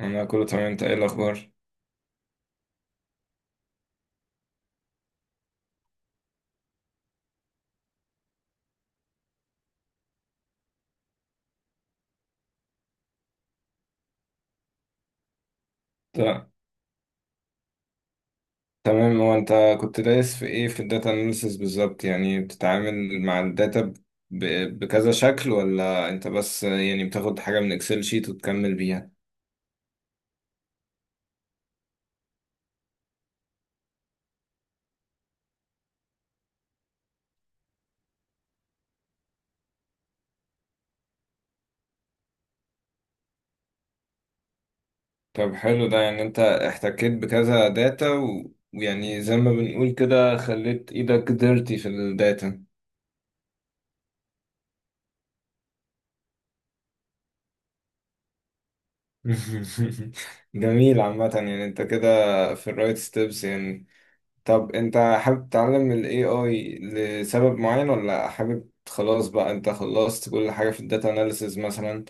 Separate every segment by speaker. Speaker 1: انا كله تمام. انت ايه الاخبار؟ ت- تمام. هو انت كنت دايس في ايه في الداتا اناليسيس بالظبط؟ يعني بتتعامل مع الداتا بكذا شكل، ولا انت بس يعني بتاخد حاجة من اكسل شيت وتكمل بيها؟ طب حلو. ده يعني انت احتكيت بكذا داتا ويعني زي ما بنقول كده، خليت ايدك ديرتي في الداتا. جميل. عامة يعني انت كده في الرايت ستيبس يعني. طب انت حابب تتعلم ال AI لسبب معين، ولا حابب خلاص بقى انت خلصت كل حاجة في الداتا اناليسز مثلا؟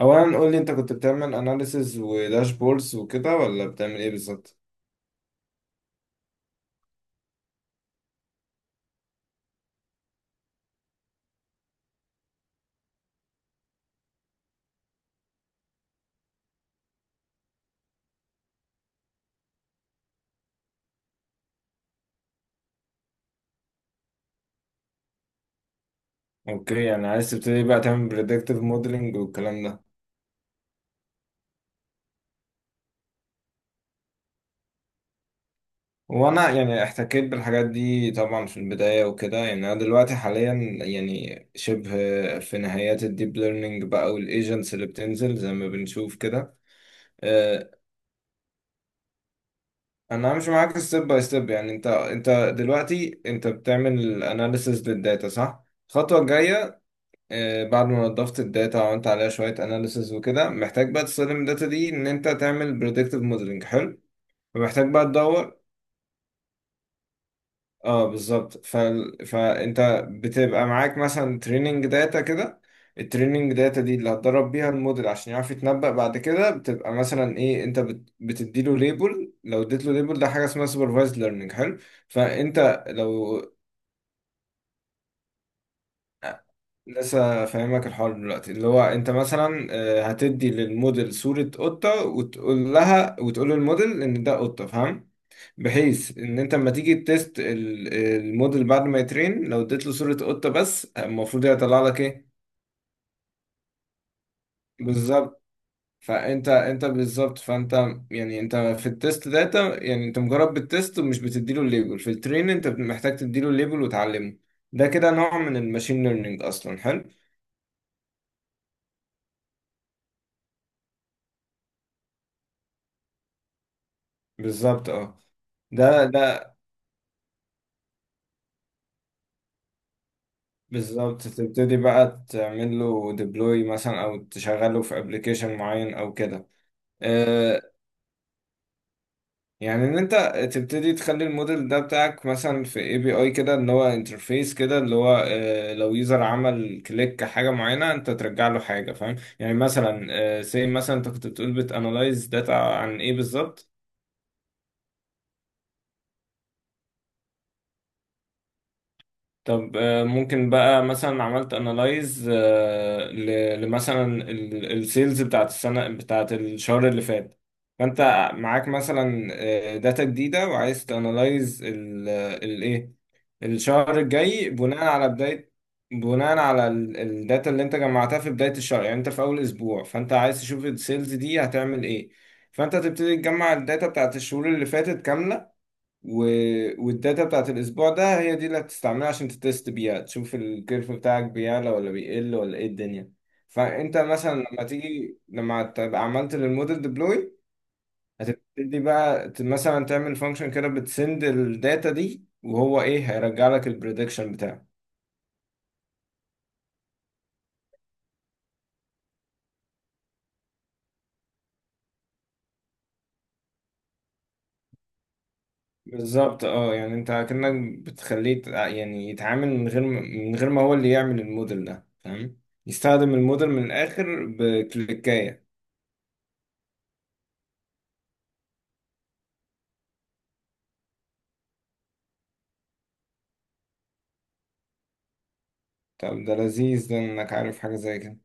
Speaker 1: اولا قول لي، انت كنت بتعمل اناليسز وداشبوردز وكده، ولا بتعمل ايه بالظبط؟ اوكي. يعني عايز تبتدي بقى تعمل بريدكتيف موديلنج والكلام ده؟ وانا يعني احتكيت بالحاجات دي طبعا في البداية وكده، يعني انا دلوقتي حاليا يعني شبه في نهايات الديب ليرنينج بقى والايجنتس اللي بتنزل زي ما بنشوف كده. آه، انا همشي معاك ستيب باي ستيب. يعني انت دلوقتي انت بتعمل اناليسز للداتا صح؟ الخطوه الجايه، بعد ما نضفت الداتا وعملت عليها شويه اناليسز وكده، محتاج بقى تستخدم الداتا دي ان انت تعمل بريدكتيف موديلنج. حلو. ومحتاج بقى تدور. اه بالظبط. فانت بتبقى معاك مثلا تريننج داتا كده. التريننج داتا دي اللي هتدرب بيها الموديل عشان يعرف يتنبأ بعد كده. بتبقى مثلا ايه؟ انت بتديله ليبل. لو اديتله ليبل، ده حاجه اسمها سوبرفايزد ليرنينج. حلو. فانت لو لسه فاهمك الحوار دلوقتي، اللي هو انت مثلا هتدي للموديل صوره قطه وتقول للموديل ان ده قطه، فاهم؟ بحيث ان انت لما تيجي تيست الموديل بعد ما يترين، لو اديت له صورة قطة بس، المفروض يطلع لك ايه؟ بالظبط. فانت يعني انت في التيست داتا يعني انت مجرد بالتيست ومش بتديله الليبل، في الترين انت محتاج تديله الليبل وتعلمه. ده كده نوع من الماشين ليرنينج اصلا. حلو. بالظبط اه. ده بالظبط. تبتدي بقى تعمل له ديبلوي مثلا، او تشغله في ابلكيشن معين او كده. آه، يعني ان انت تبتدي تخلي الموديل ده بتاعك مثلا في اي بي اي كده، ان هو انترفيس كده، اللي هو لو يوزر عمل كليك حاجه معينه، انت ترجع له حاجه، فاهم يعني؟ مثلا سي مثلا انت كنت بتقول بتانلايز داتا عن ايه بالظبط؟ طب ممكن بقى مثلا عملت انالايز لمثلا السيلز بتاعت السنة، بتاعت الشهر اللي فات. فانت معاك مثلا داتا جديدة وعايز تانالايز الايه، الشهر الجاي، بناء على بداية، بناء على الداتا اللي انت جمعتها في بداية الشهر. يعني انت في اول اسبوع، فانت عايز تشوف السيلز دي هتعمل ايه. فانت تبتدي تجمع الداتا بتاعت الشهور اللي فاتت كاملة، و... والداتا بتاعت الاسبوع ده هي دي اللي هتستعملها عشان تتست بيها، تشوف الكيرف بتاعك بيعلى ولا بيقل ولا ايه الدنيا. فانت مثلا لما تبقى عملت للموديل ديبلوي، هتبتدي بقى مثلا تعمل فانكشن كده بتسند الداتا دي، وهو ايه هيرجع لك البريدكشن بتاعه. بالظبط اه. يعني انت كأنك بتخليه يعني يتعامل من غير ما- من غير ما هو اللي يعمل الموديل ده، فاهم؟ يستخدم الموديل من الاخر بكليكاية. طب ده لذيذ، ده انك عارف حاجة زي كده.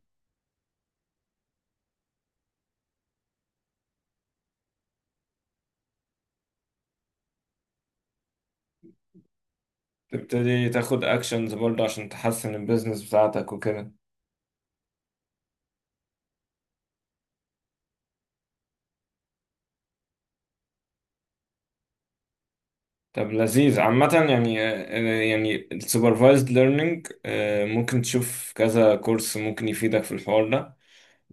Speaker 1: تبتدي تاخد اكشنز برضه عشان تحسن البيزنس بتاعتك وكده. طب لذيذ. عامة يعني، يعني السوبرفايزد ليرنينج ممكن تشوف كذا كورس ممكن يفيدك في الحوار ده.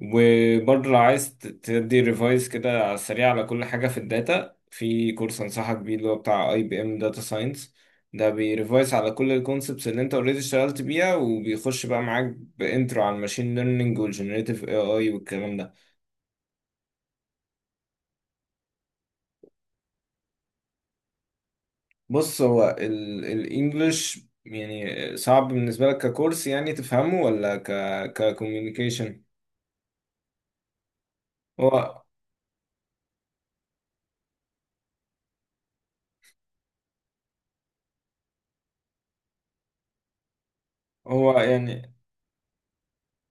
Speaker 1: وبرضه لو عايز تدي ريفايز كده على السريع على كل حاجة في الداتا، في كورس أنصحك بيه اللي هو بتاع اي بي ام داتا ساينس. ده بيريفايز على كل الكونسبتس اللي انت اوريدي اشتغلت بيها، وبيخش بقى معاك بانترو على الماشين ليرنينج والجنريتيف اي اي والكلام ده. بص، هو الانجليش يعني صعب بالنسبة لك ككورس يعني تفهمه، ولا ك ككوميونيكيشن؟ هو هو يعني،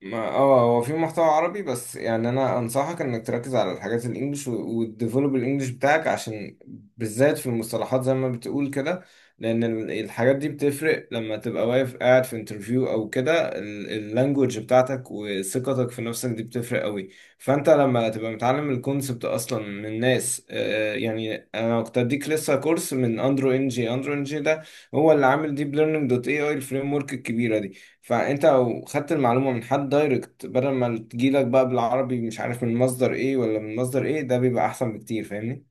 Speaker 1: ما اه هو في محتوى عربي، بس يعني انا انصحك انك تركز على الحاجات الانجليش وتديفلوب الانجليش بتاعك، عشان بالذات في المصطلحات زي ما بتقول كده، لان الحاجات دي بتفرق لما تبقى واقف قاعد في انترفيو او كده. اللانجوج بتاعتك وثقتك في نفسك دي بتفرق قوي. فانت لما تبقى متعلم الكونسبت اصلا من ناس، يعني انا كنت اديك لسه كورس من اندرو انجي. اندرو انجي ده هو اللي عامل ديب ليرنينج دوت اي اي، الفريم ورك الكبيره دي. فانت لو خدت المعلومه من حد دايركت، بدل ما تجيلك بقى بالعربي مش عارف من مصدر ايه ولا من مصدر ايه، ده بيبقى احسن بكتير، فاهمني؟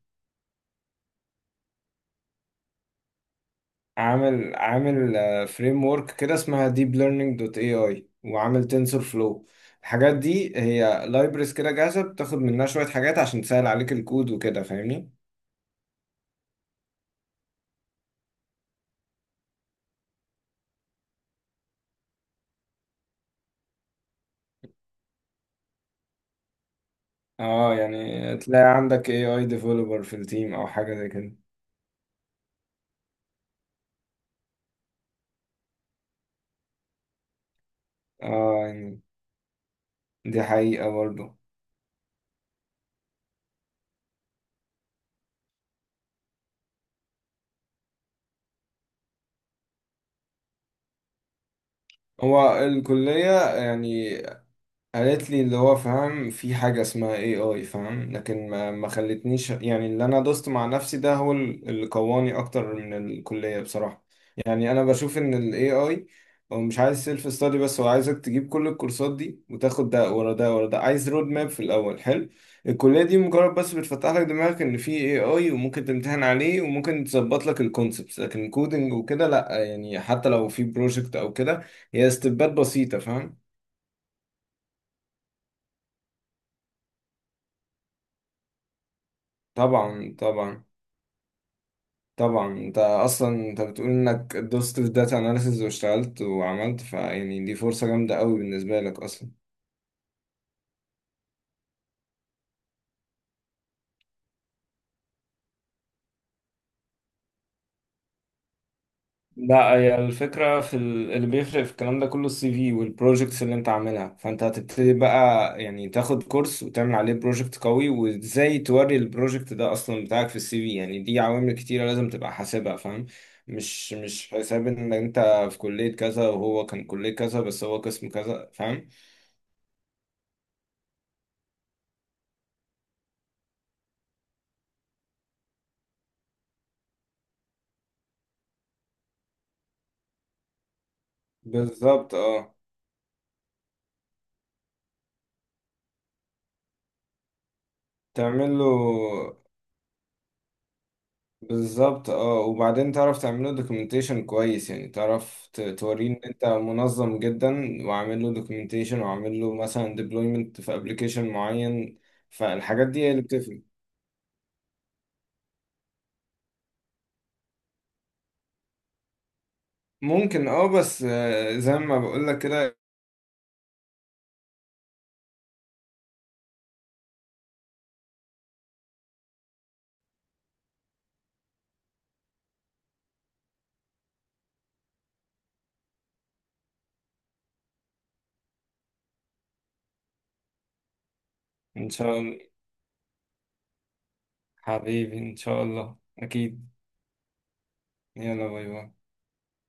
Speaker 1: عامل فريم ورك كده اسمها deep learning دوت اي اي، وعامل تنسور فلو. الحاجات دي هي لايبرز كده جاهزه، بتاخد منها شويه حاجات عشان تسهل عليك الكود وكده، فاهمني؟ اه يعني تلاقي عندك اي اي ديفلوبر في التيم او حاجه زي كده. اه يعني دي حقيقه برضه. هو الكلية يعني قالت لي اللي هو فاهم في حاجة اسمها اي اي، فاهم، لكن ما خلتنيش يعني. اللي انا دوست مع نفسي ده هو اللي قواني اكتر من الكلية بصراحة. يعني انا بشوف ان الاي اي هو مش عايز سيلف ستادي بس، هو عايزك تجيب كل الكورسات دي وتاخد ده ورا ده ورا ده، عايز رود ماب في الاول. حلو. الكلية دي مجرد بس بتفتح لك دماغك ان في اي اي، وممكن تمتحن عليه، وممكن تظبط لك الكونسبتس، لكن كودنج وكده لا. يعني حتى لو في بروجكت او كده، هي استبات بسيطة، فاهم؟ طبعا طبعا. طبعا انت اصلا انت بتقول انك دوست في داتا اناليسز واشتغلت وعملت، فيعني دي فرصة جامدة قوي بالنسبة لك اصلا. لا، هي الفكرة في اللي بيفرق في الكلام ده كله، السي في والبروجكتس اللي انت عاملها. فانت هتبتدي بقى يعني تاخد كورس وتعمل عليه بروجكت قوي، وازاي توري البروجكت ده اصلا بتاعك في السي في. يعني دي عوامل كتيرة لازم تبقى حاسبها، فاهم؟ مش حساب ان انت في كلية كذا وهو كان كلية كذا بس هو قسم كذا، فاهم؟ بالظبط اه. تعمل له بالظبط اه. وبعدين تعرف تعمله دوكيومنتيشن كويس، يعني تعرف توريه ان انت منظم جدا، وعامل له دوكيومنتيشن، وعامل له مثلا ديبلويمنت في ابلكيشن معين. فالحاجات دي هي اللي بتفرق. ممكن اه، بس زي ما بقول لك كده. ان شاء الله. حبيبي ان شاء الله اكيد. يلا باي باي.